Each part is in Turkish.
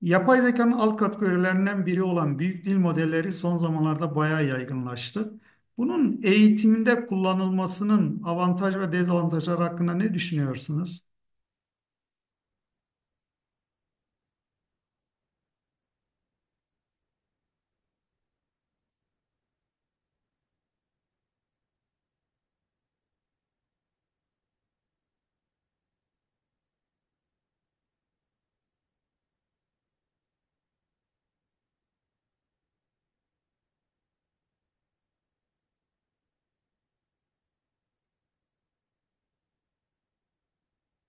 Yapay zekanın alt kategorilerinden biri olan büyük dil modelleri son zamanlarda bayağı yaygınlaştı. Bunun eğitimde kullanılmasının avantaj ve dezavantajları hakkında ne düşünüyorsunuz?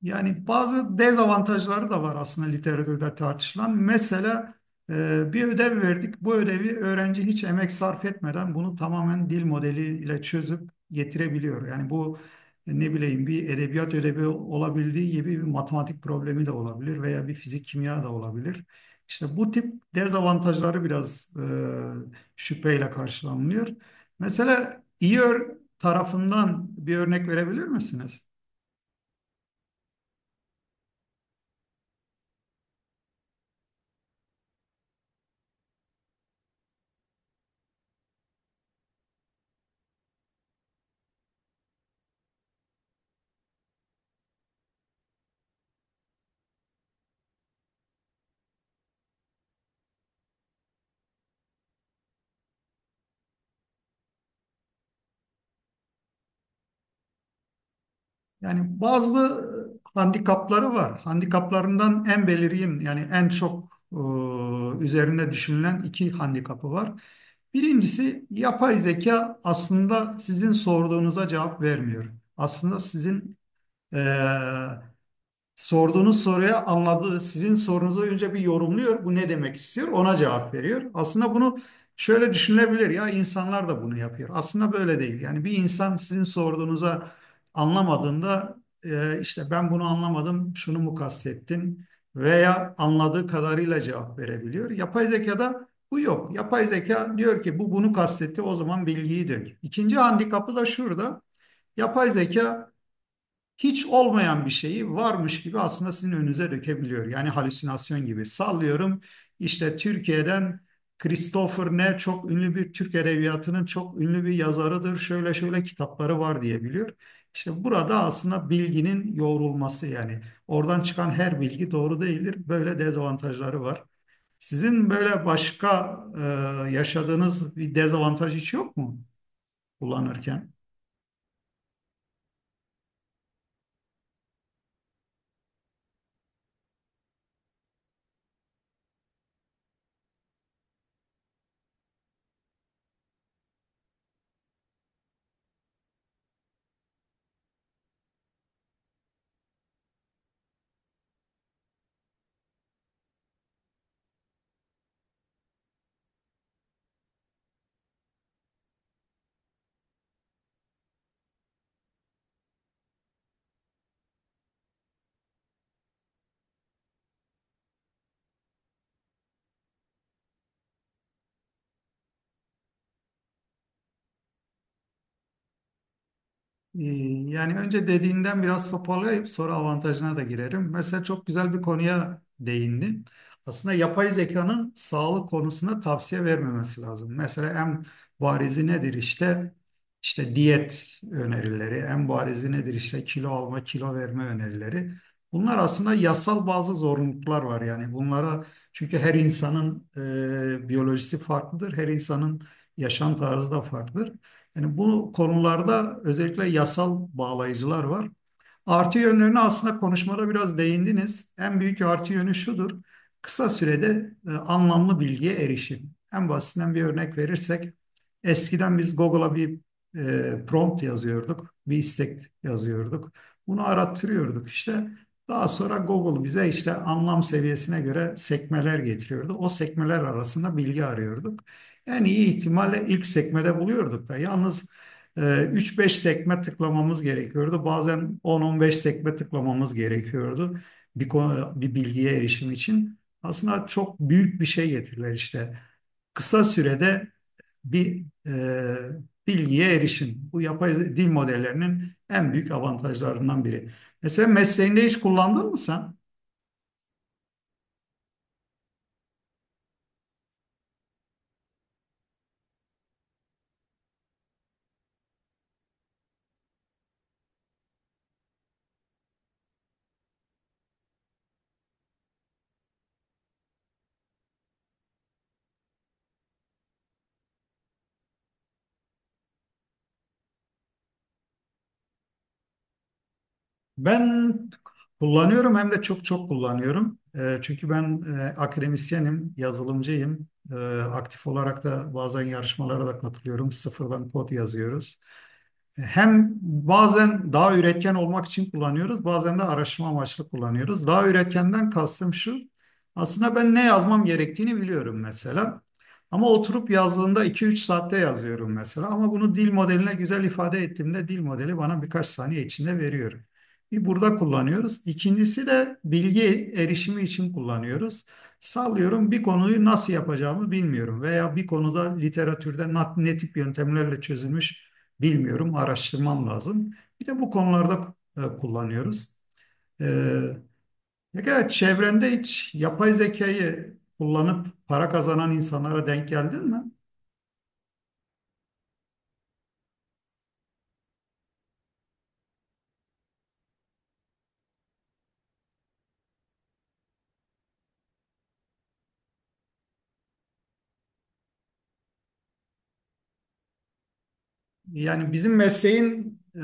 Yani bazı dezavantajları da var aslında literatürde tartışılan. Mesela bir ödev verdik. Bu ödevi öğrenci hiç emek sarf etmeden bunu tamamen dil modeliyle çözüp getirebiliyor. Yani bu ne bileyim, bir edebiyat ödevi olabildiği gibi bir matematik problemi de olabilir veya bir fizik kimya da olabilir. İşte bu tip dezavantajları biraz şüpheyle karşılanılıyor. Mesela tarafından bir örnek verebilir misiniz? Yani bazı handikapları var. Handikaplarından en belirgin, yani en çok üzerine düşünülen iki handikapı var. Birincisi, yapay zeka aslında sizin sorduğunuza cevap vermiyor. Aslında sizin e, sorduğunuz soruya anladığı, sizin sorunuzu önce bir yorumluyor. Bu ne demek istiyor? Ona cevap veriyor. Aslında bunu şöyle düşünülebilir: ya insanlar da bunu yapıyor. Aslında böyle değil. Yani bir insan sizin sorduğunuza anlamadığında işte ben bunu anlamadım, şunu mu kastettin, veya anladığı kadarıyla cevap verebiliyor. Yapay zekada bu yok. Yapay zeka diyor ki bu bunu kastetti, o zaman bilgiyi dök. İkinci handikapı da şurada: yapay zeka hiç olmayan bir şeyi varmış gibi aslında sizin önünüze dökebiliyor. Yani halüsinasyon gibi. Sallıyorum, işte Türkiye'den Christopher Ne çok ünlü bir Türk edebiyatının çok ünlü bir yazarıdır, şöyle şöyle kitapları var diye biliyor. İşte burada aslında bilginin yoğrulması, yani oradan çıkan her bilgi doğru değildir. Böyle dezavantajları var. Sizin böyle başka yaşadığınız bir dezavantaj hiç yok mu kullanırken? Ee, Yani önce dediğinden biraz toparlayıp sonra avantajına da girerim. Mesela çok güzel bir konuya değindin. Aslında yapay zekanın sağlık konusunda tavsiye vermemesi lazım. Mesela en barizi nedir işte? İşte diyet önerileri, en barizi nedir işte, kilo alma, kilo verme önerileri. Bunlar aslında yasal bazı zorunluluklar var yani bunlara, çünkü her insanın biyolojisi farklıdır, her insanın yaşam tarzı da farklıdır. Yani bu konularda özellikle yasal bağlayıcılar var. Artı yönlerine aslında konuşmada biraz değindiniz. En büyük artı yönü şudur: kısa sürede anlamlı bilgiye erişim. En basitinden bir örnek verirsek, eskiden biz Google'a bir prompt yazıyorduk, bir istek yazıyorduk. Bunu arattırıyorduk işte. Daha sonra Google bize işte anlam seviyesine göre sekmeler getiriyordu. O sekmeler arasında bilgi arıyorduk. En iyi ihtimalle ilk sekmede buluyorduk da. Yalnız ee, 3-5 sekme tıklamamız gerekiyordu. Bazen 10-15 sekme tıklamamız gerekiyordu bir bilgiye erişim için. Aslında çok büyük bir şey getirdiler işte. Kısa sürede bir bilgiye erişim. Bu yapay dil modellerinin en büyük avantajlarından biri. Mesela mesleğinde hiç kullandın mı sen? Ben kullanıyorum, hem de çok çok kullanıyorum. Çünkü ben akademisyenim, yazılımcıyım. Aktif olarak da bazen yarışmalara da katılıyorum. Sıfırdan kod yazıyoruz. Hem bazen daha üretken olmak için kullanıyoruz, bazen de araştırma amaçlı kullanıyoruz. Daha üretkenden kastım şu: aslında ben ne yazmam gerektiğini biliyorum mesela. Ama oturup yazdığında iki üç saatte yazıyorum mesela. Ama bunu dil modeline güzel ifade ettiğimde dil modeli bana birkaç saniye içinde veriyor. Bir, burada kullanıyoruz. İkincisi de bilgi erişimi için kullanıyoruz. Sallıyorum, bir konuyu nasıl yapacağımı bilmiyorum veya bir konuda literatürde ne tip yöntemlerle çözülmüş bilmiyorum, araştırmam lazım. Bir de bu konularda kullanıyoruz. Ee, ne kadar çevrende hiç yapay zekayı kullanıp para kazanan insanlara denk geldin mi? Yani bizim mesleğin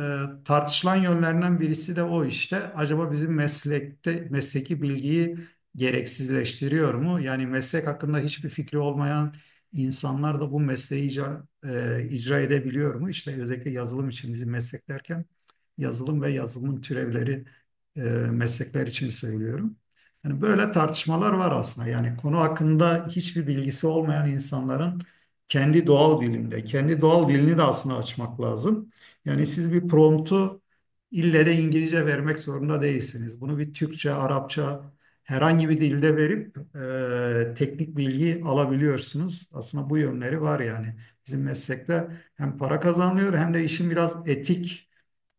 tartışılan yönlerinden birisi de o işte. Acaba bizim meslekte mesleki bilgiyi gereksizleştiriyor mu? Yani meslek hakkında hiçbir fikri olmayan insanlar da bu mesleği icra edebiliyor mu? İşte özellikle yazılım için, bizim meslek derken yazılım ve yazılımın türevleri e, meslekler için söylüyorum. Yani böyle tartışmalar var aslında. Yani konu hakkında hiçbir bilgisi olmayan insanların kendi doğal dilinde. Kendi doğal dilini de aslında açmak lazım. Yani siz bir promptu ille de İngilizce vermek zorunda değilsiniz. Bunu bir Türkçe, Arapça, herhangi bir dilde verip teknik bilgi alabiliyorsunuz. Aslında bu yönleri var yani. Bizim meslekte hem para kazanılıyor hem de işin biraz etik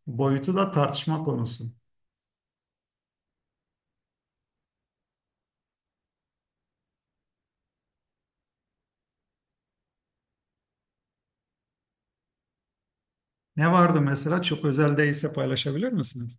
boyutu da tartışma konusu. Ne vardı mesela? Çok özel değilse paylaşabilir misiniz?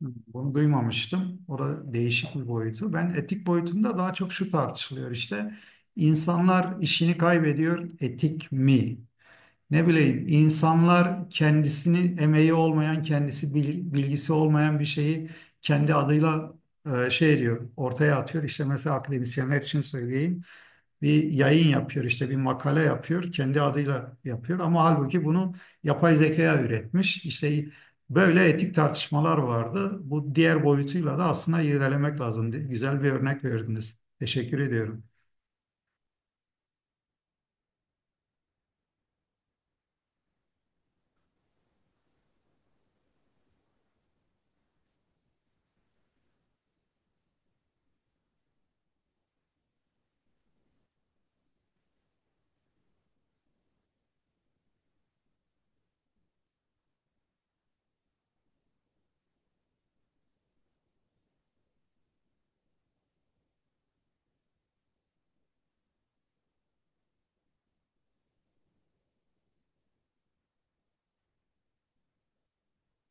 Bunu duymamıştım. Orada değişik bir boyutu. Ben etik boyutunda daha çok şu tartışılıyor işte: İnsanlar işini kaybediyor, etik mi? Ne bileyim, insanlar kendisini emeği olmayan, kendisi bilgisi olmayan bir şeyi kendi adıyla şey diyor, ortaya atıyor. İşte mesela akademisyenler için söyleyeyim, bir yayın yapıyor işte, bir makale yapıyor, kendi adıyla yapıyor ama halbuki bunu yapay zekaya üretmiş işte. Böyle etik tartışmalar vardı. Bu diğer boyutuyla da aslında irdelemek lazım. Güzel bir örnek verdiniz, teşekkür ediyorum.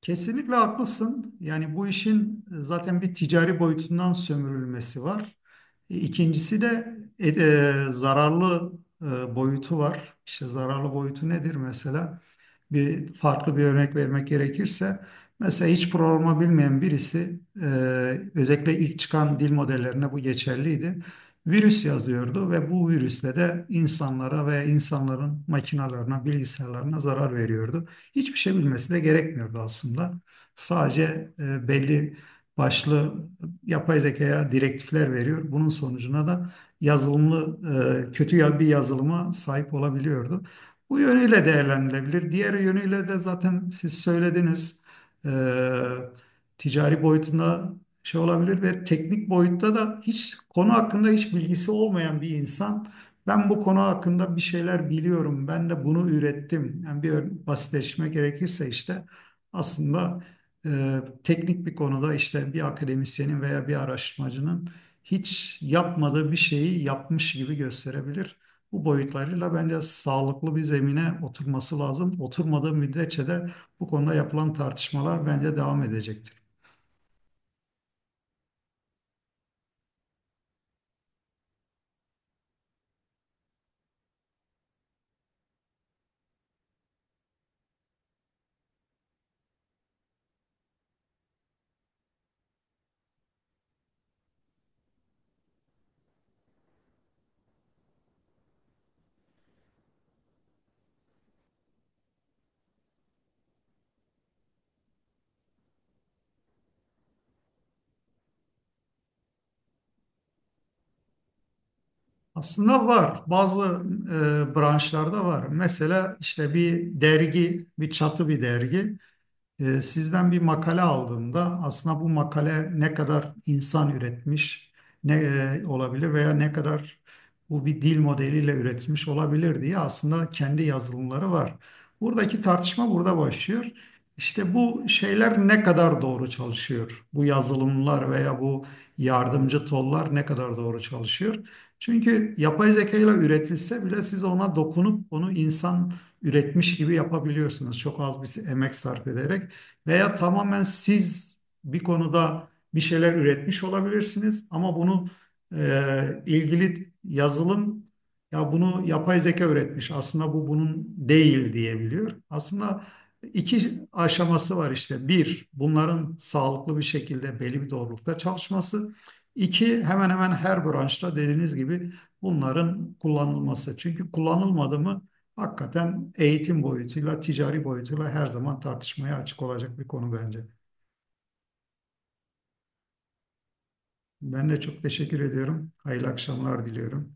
Kesinlikle haklısın, yani bu işin zaten bir ticari boyutundan sömürülmesi var. İkincisi de zararlı boyutu var. İşte zararlı boyutu nedir mesela? Bir farklı bir örnek vermek gerekirse, mesela hiç programı bilmeyen birisi özellikle ilk çıkan dil modellerine bu geçerliydi. Virüs yazıyordu ve bu virüsle de insanlara ve insanların makinalarına, bilgisayarlarına zarar veriyordu. Hiçbir şey bilmesi de gerekmiyordu aslında. Sadece belli başlı yapay zekaya direktifler veriyor. Bunun sonucuna da yazılımlı bir yazılıma sahip olabiliyordu. Bu yönüyle değerlendirilebilir. Diğer yönüyle de zaten siz söylediniz eee, ticari boyutunda şey olabilir ve teknik boyutta da hiç konu hakkında hiç bilgisi olmayan bir insan ben bu konu hakkında bir şeyler biliyorum, ben de bunu ürettim. Yani bir basitleşme gerekirse, işte aslında teknik bir konuda, işte bir akademisyenin veya bir araştırmacının hiç yapmadığı bir şeyi yapmış gibi gösterebilir. Bu boyutlarıyla bence sağlıklı bir zemine oturması lazım. Oturmadığı müddetçe de bu konuda yapılan tartışmalar bence devam edecektir. Aslında var. Bazı branşlarda var. Mesela işte bir dergi, bir çatı bir dergi. Sizden bir makale aldığında aslında bu makale ne kadar insan üretmiş ne olabilir veya ne kadar bu bir dil modeliyle üretilmiş olabilir diye aslında kendi yazılımları var. Buradaki tartışma burada başlıyor. İşte bu şeyler ne kadar doğru çalışıyor? Bu yazılımlar veya bu yardımcı tollar ne kadar doğru çalışıyor? Çünkü yapay zeka ile üretilse bile siz ona dokunup onu insan üretmiş gibi yapabiliyorsunuz. Çok az bir emek sarf ederek. Veya tamamen siz bir konuda bir şeyler üretmiş olabilirsiniz ama bunu ilgili yazılım ya bunu yapay zeka üretmiş, aslında bu bunun değil diyebiliyor. Aslında iki aşaması var işte. Bir, bunların sağlıklı bir şekilde belli bir doğrulukta çalışması. İki, hemen hemen her branşta dediğiniz gibi bunların kullanılması. Çünkü kullanılmadı mı hakikaten eğitim boyutuyla, ticari boyutuyla her zaman tartışmaya açık olacak bir konu bence. Ben de çok teşekkür ediyorum. Hayırlı akşamlar diliyorum.